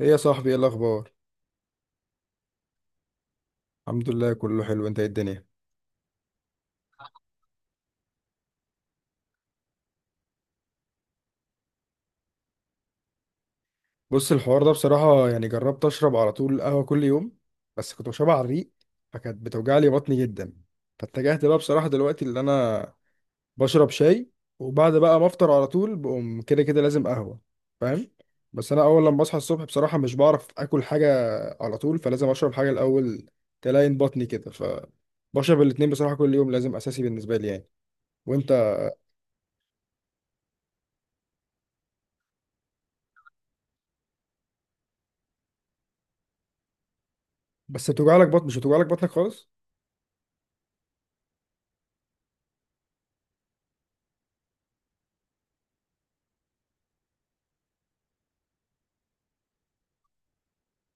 ايه يا صاحبي، ايه الاخبار؟ الحمد لله كله حلو. انت ايه الدنيا؟ بص، الحوار ده بصراحه يعني جربت اشرب على طول قهوه كل يوم، بس كنت بشربها على الريق فكانت بتوجع لي بطني جدا. فاتجهت بقى بصراحه دلوقتي اللي انا بشرب شاي، وبعد بقى ما افطر على طول بقوم كده كده لازم قهوه، فاهم؟ بس انا اول لما بصحى الصبح بصراحه مش بعرف اكل حاجه على طول، فلازم اشرب حاجه الاول تلاين بطني كده، فبشرب الاتنين بصراحه كل يوم لازم اساسي بالنسبه لي يعني. وانت؟ بس بتوجع لك بطن، مش بتوجع لك بطنك خالص؟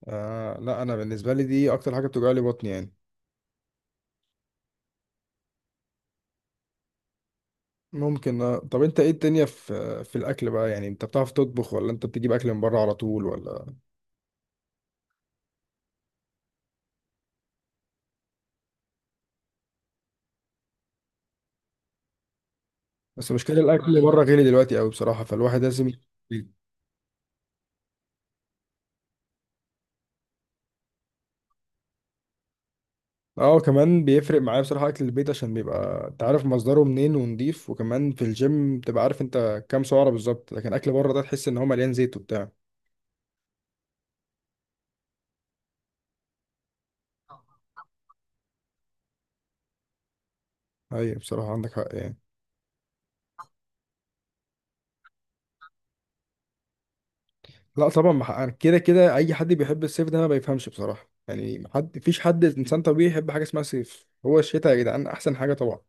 آه لا، انا بالنسبه لي دي اكتر حاجه بتوجع لي بطني يعني. ممكن آه. طب انت ايه الدنيا في الاكل بقى؟ يعني انت بتعرف تطبخ ولا انت بتجيب اكل من بره على طول ولا؟ بس مشكله الاكل بره غالي دلوقتي قوي بصراحه، فالواحد لازم. اه كمان بيفرق معايا بصراحه اكل البيت، عشان بيبقى انت عارف مصدره منين ونضيف، وكمان في الجيم بتبقى عارف انت كام سعره بالظبط، لكن اكل بره ده تحس ان هو مليان زيت وبتاع. ايوه بصراحه عندك حق يعني. لا طبعا، ما ح- كده كده اي حد بيحب الصيف ده ما بيفهمش بصراحه يعني. ما حد فيش حد انسان طبيعي يحب حاجه اسمها صيف. هو الشتاء يا جدعان احسن حاجه طبعا.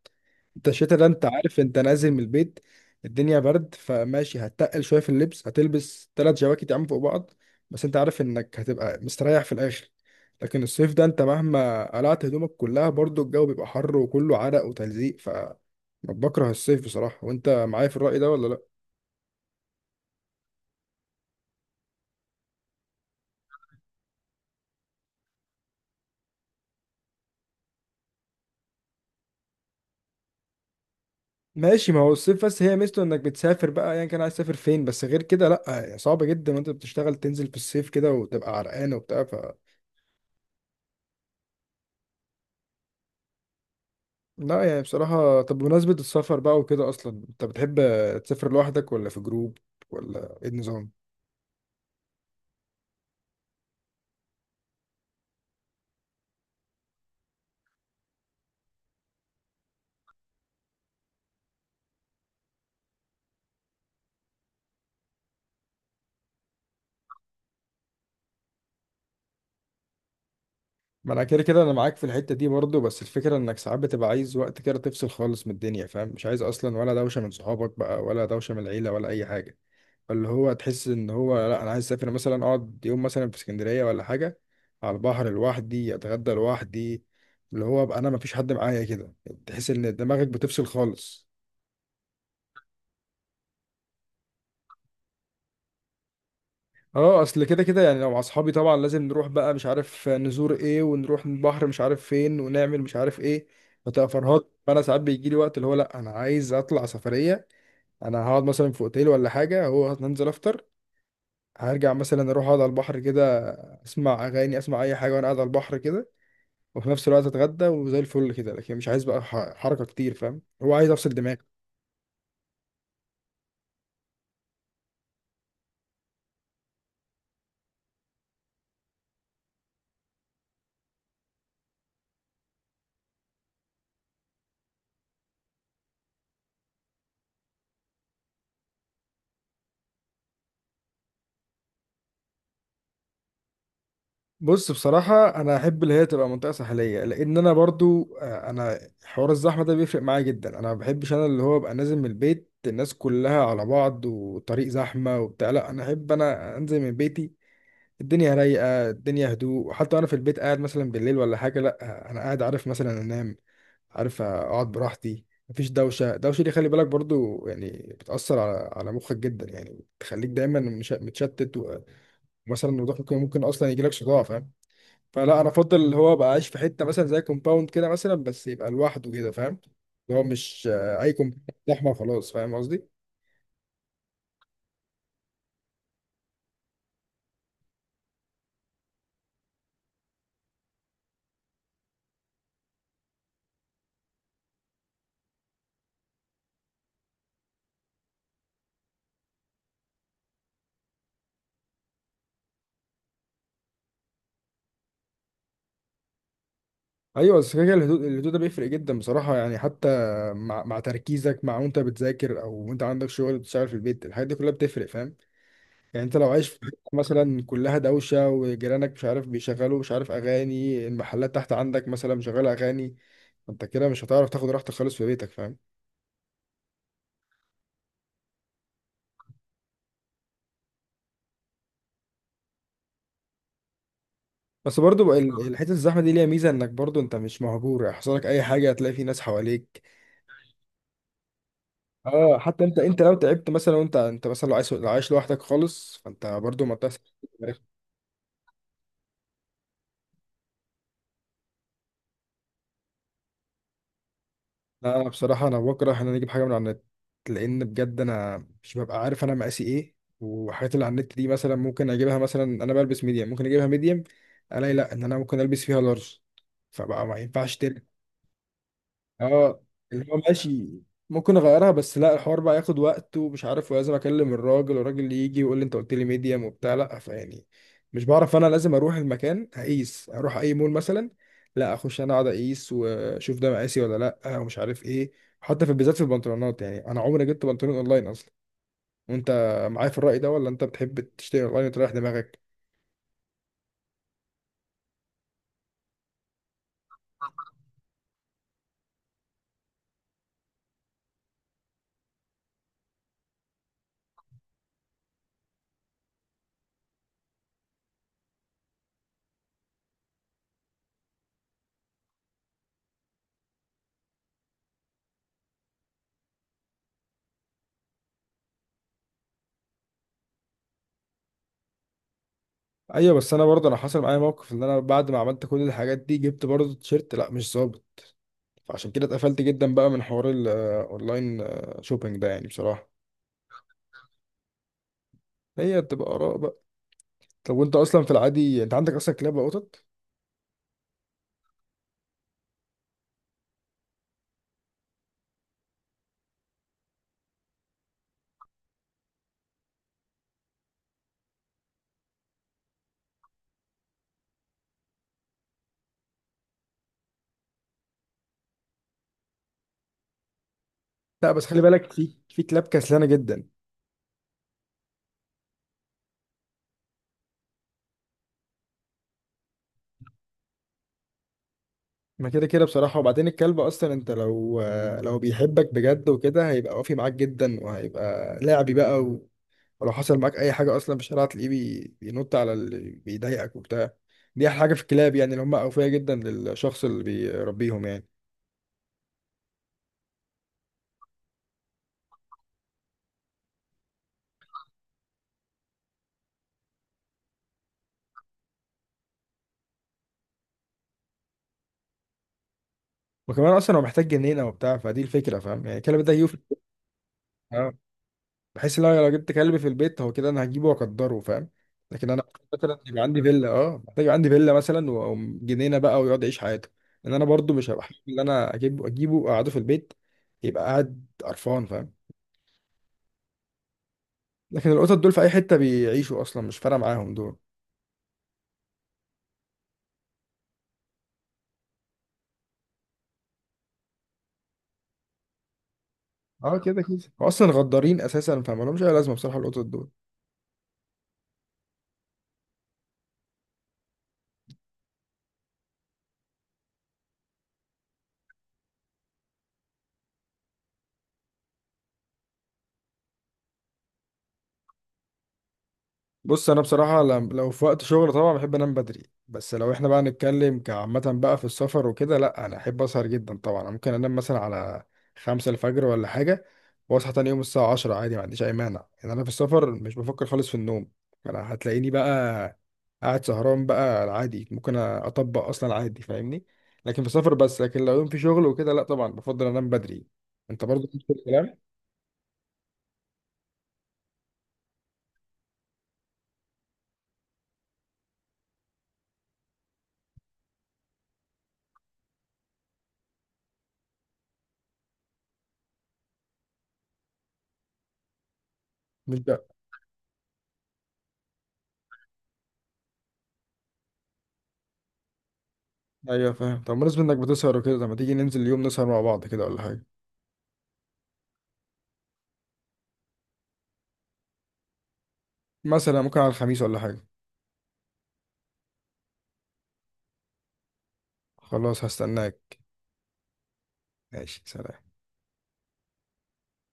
انت الشتاء ده انت عارف انت نازل من البيت الدنيا برد، فماشي هتتقل شويه في اللبس، هتلبس 3 جواكت يا عم فوق بعض، بس انت عارف انك هتبقى مستريح في الاخر. لكن الصيف ده انت مهما قلعت هدومك كلها برضو الجو بيبقى حر وكله عرق وتلزيق ف. بكره الصيف بصراحه، وانت معايا في الرأي ده ولا لا؟ ماشي، ما هو الصيف بس هي ميزته انك بتسافر بقى، ايا يعني كان عايز تسافر فين، بس غير كده لا يعني صعب جدا وانت بتشتغل تنزل في الصيف كده وتبقى عرقان وبتاع ف. لا يعني بصراحة. طب بمناسبة السفر بقى وكده، اصلا انت بتحب تسافر لوحدك ولا في جروب؟ ولا ايه النظام؟ ما انا كده كده انا معاك في الحتة دي برضه، بس الفكرة انك ساعات بتبقى عايز وقت كده تفصل خالص من الدنيا، فاهم؟ مش عايز اصلا ولا دوشة من صحابك بقى، ولا دوشة من العيلة، ولا اي حاجة. اللي هو تحس ان هو لا، انا عايز اسافر مثلا اقعد يوم مثلا في اسكندريه ولا حاجه على البحر لوحدي، اتغدى لوحدي، اللي هو ابقى انا مفيش حد معايا كده. تحس ان دماغك بتفصل خالص. اه، اصل كده كده يعني لو مع اصحابي طبعا لازم نروح بقى مش عارف نزور ايه، ونروح البحر مش عارف فين، ونعمل مش عارف ايه، فتبقى فرهاد. فانا ساعات بيجي لي وقت اللي هو لا، انا عايز اطلع سفريه. انا هقعد مثلا في اوتيل ولا حاجه، هو هننزل افطر، هرجع مثلا اروح اقعد على البحر كده، اسمع اغاني اسمع اي حاجه وانا قاعد على البحر كده، وفي نفس الوقت اتغدى وزي الفل كده. لكن مش عايز بقى حركه كتير، فاهم؟ هو عايز افصل دماغي. بص بصراحه انا احب اللي هي تبقى منطقه ساحليه، لان انا برضو انا حوار الزحمه ده بيفرق معايا جدا، انا ما بحبش انا اللي هو ابقى نازل من البيت الناس كلها على بعض والطريق زحمه وبتاع. لا انا احب انا انزل من بيتي الدنيا رايقه، الدنيا هدوء. حتى انا في البيت قاعد مثلا بالليل ولا حاجه، لا انا قاعد عارف مثلا انام، عارف اقعد براحتي مفيش دوشه. الدوشه دي خلي بالك برضو يعني بتاثر على مخك جدا، يعني بتخليك دايما متشتت و، ومثلا وضوح ممكن اصلا يجي لك صداع، فاهم؟ فلا انا افضل اللي هو ابقى عايش في حته مثلا زي كومباوند كده مثلا، بس يبقى لوحده كده، فاهم؟ اللي هو مش اي كومباوند زحمه خلاص، فاهم قصدي؟ ايوه، بس كده كده الهدوء ده بيفرق جدا بصراحه يعني، حتى مع تركيزك، مع وانت بتذاكر او وانت عندك شغل بتشتغل في البيت، الحاجات دي كلها بتفرق، فاهم؟ يعني انت لو عايش في حتة مثلا كلها دوشه، وجيرانك مش عارف بيشغلوا مش عارف اغاني، المحلات تحت عندك مثلا مشغله اغاني، انت كده مش هتعرف تاخد راحتك خالص في بيتك، فاهم؟ بس برضو بقى الحته الزحمه دي ليها ميزه انك برضو انت مش مهجور يحصل لك اي حاجه، هتلاقي في ناس حواليك. اه، حتى انت لو تعبت مثلا، وانت انت مثلا لو عايش لوحدك خالص فانت برضو ما بتحصل. لا انا بصراحه انا بكره ان انا اجيب حاجه من على النت، لان بجد انا مش ببقى عارف انا مقاسي ايه، والحاجات اللي على النت دي مثلا ممكن اجيبها مثلا انا بلبس ميديم ممكن اجيبها ميديم، الاقي لا ان انا ممكن البس فيها لارج، فبقى ما ينفعش ترجع. اه، اللي هو ماشي ممكن اغيرها، بس لا الحوار بقى ياخد وقت ومش عارف، ولازم اكلم الراجل، والراجل اللي يجي يقول لي انت قلت لي ميديم وبتاع، لا فيعني مش بعرف، انا لازم اروح المكان اقيس، اروح اي مول مثلا لا اخش انا اقعد اقيس واشوف ده مقاسي ولا لا، ومش عارف ايه. حتى في بالذات في البنطلونات يعني انا عمري جبت بنطلون اونلاين اصلا. وانت معايا في الرأي ده، ولا انت بتحب تشتري اونلاين وتريح دماغك؟ ايوه، بس انا برضه انا حصل معايا موقف ان انا بعد ما عملت كل الحاجات دي جبت برضه تيشيرت لا مش ظابط، فعشان كده اتقفلت جدا بقى من حوار الاونلاين شوبينج ده يعني بصراحه. هي بتبقى اراء بقى. طب وانت اصلا في العادي، انت عندك اصلا كلاب وقطط؟ لا، بس خلي بالك في كلاب كسلانه جدا. ما كده كده بصراحه، وبعدين الكلب اصلا انت لو بيحبك بجد وكده هيبقى وافي معاك جدا، وهيبقى لعبي بقى و، ولو حصل معاك اي حاجه اصلا في الشارع هتلاقيه بينط على اللي بيضايقك وبتاع. دي احلى حاجه في الكلاب يعني اللي هم اوفياء جدا للشخص اللي بيربيهم يعني. وكمان اصلا هو محتاج جنينه وبتاع، فدي الفكره، فاهم؟ يعني الكلب ده يوفي. اه، بحيث لو جبت كلب في البيت، هو كده انا هجيبه واقدره، فاهم؟ لكن انا محتاج مثلا يبقى عندي فيلا، اه محتاج يبقى عندي فيلا مثلا، وجنينه بقى ويقعد يعيش حياته. لان انا برضو مش هبقى حابب ان انا اجيبه واقعده في البيت يبقى قاعد قرفان، فاهم؟ لكن القطط دول في اي حته بيعيشوا اصلا، مش فارقه معاهم دول. اه كده كده هو اصلا غدارين اساسا، فما لهمش اي لازمه بصراحه القطط دول. بص انا بصراحه لو في وقت شغل طبعا بحب انام بدري، بس لو احنا بقى نتكلم كعامه بقى في السفر وكده، لا انا احب اسهر جدا طبعا. أنا ممكن انام مثلا على 5 الفجر ولا حاجه، واصحى تاني يوم الساعه 10 عادي، ما عنديش اي مانع يعني، انا في السفر مش بفكر خالص في النوم. انا هتلاقيني بقى قاعد سهران بقى عادي، ممكن اطبق اصلا عادي، فاهمني؟ لكن في السفر بس، لكن لو يوم في شغل وكده لا طبعا بفضل انام بدري. انت برضو نفس الكلام؟ مش بقى. ايوه فاهم. طب بالنسبه انك بتسهر وكده، طب ما تيجي ننزل اليوم نسهر مع بعض كده ولا حاجه؟ مثلا ممكن على الخميس ولا حاجة. خلاص، هستناك. ماشي، سلام.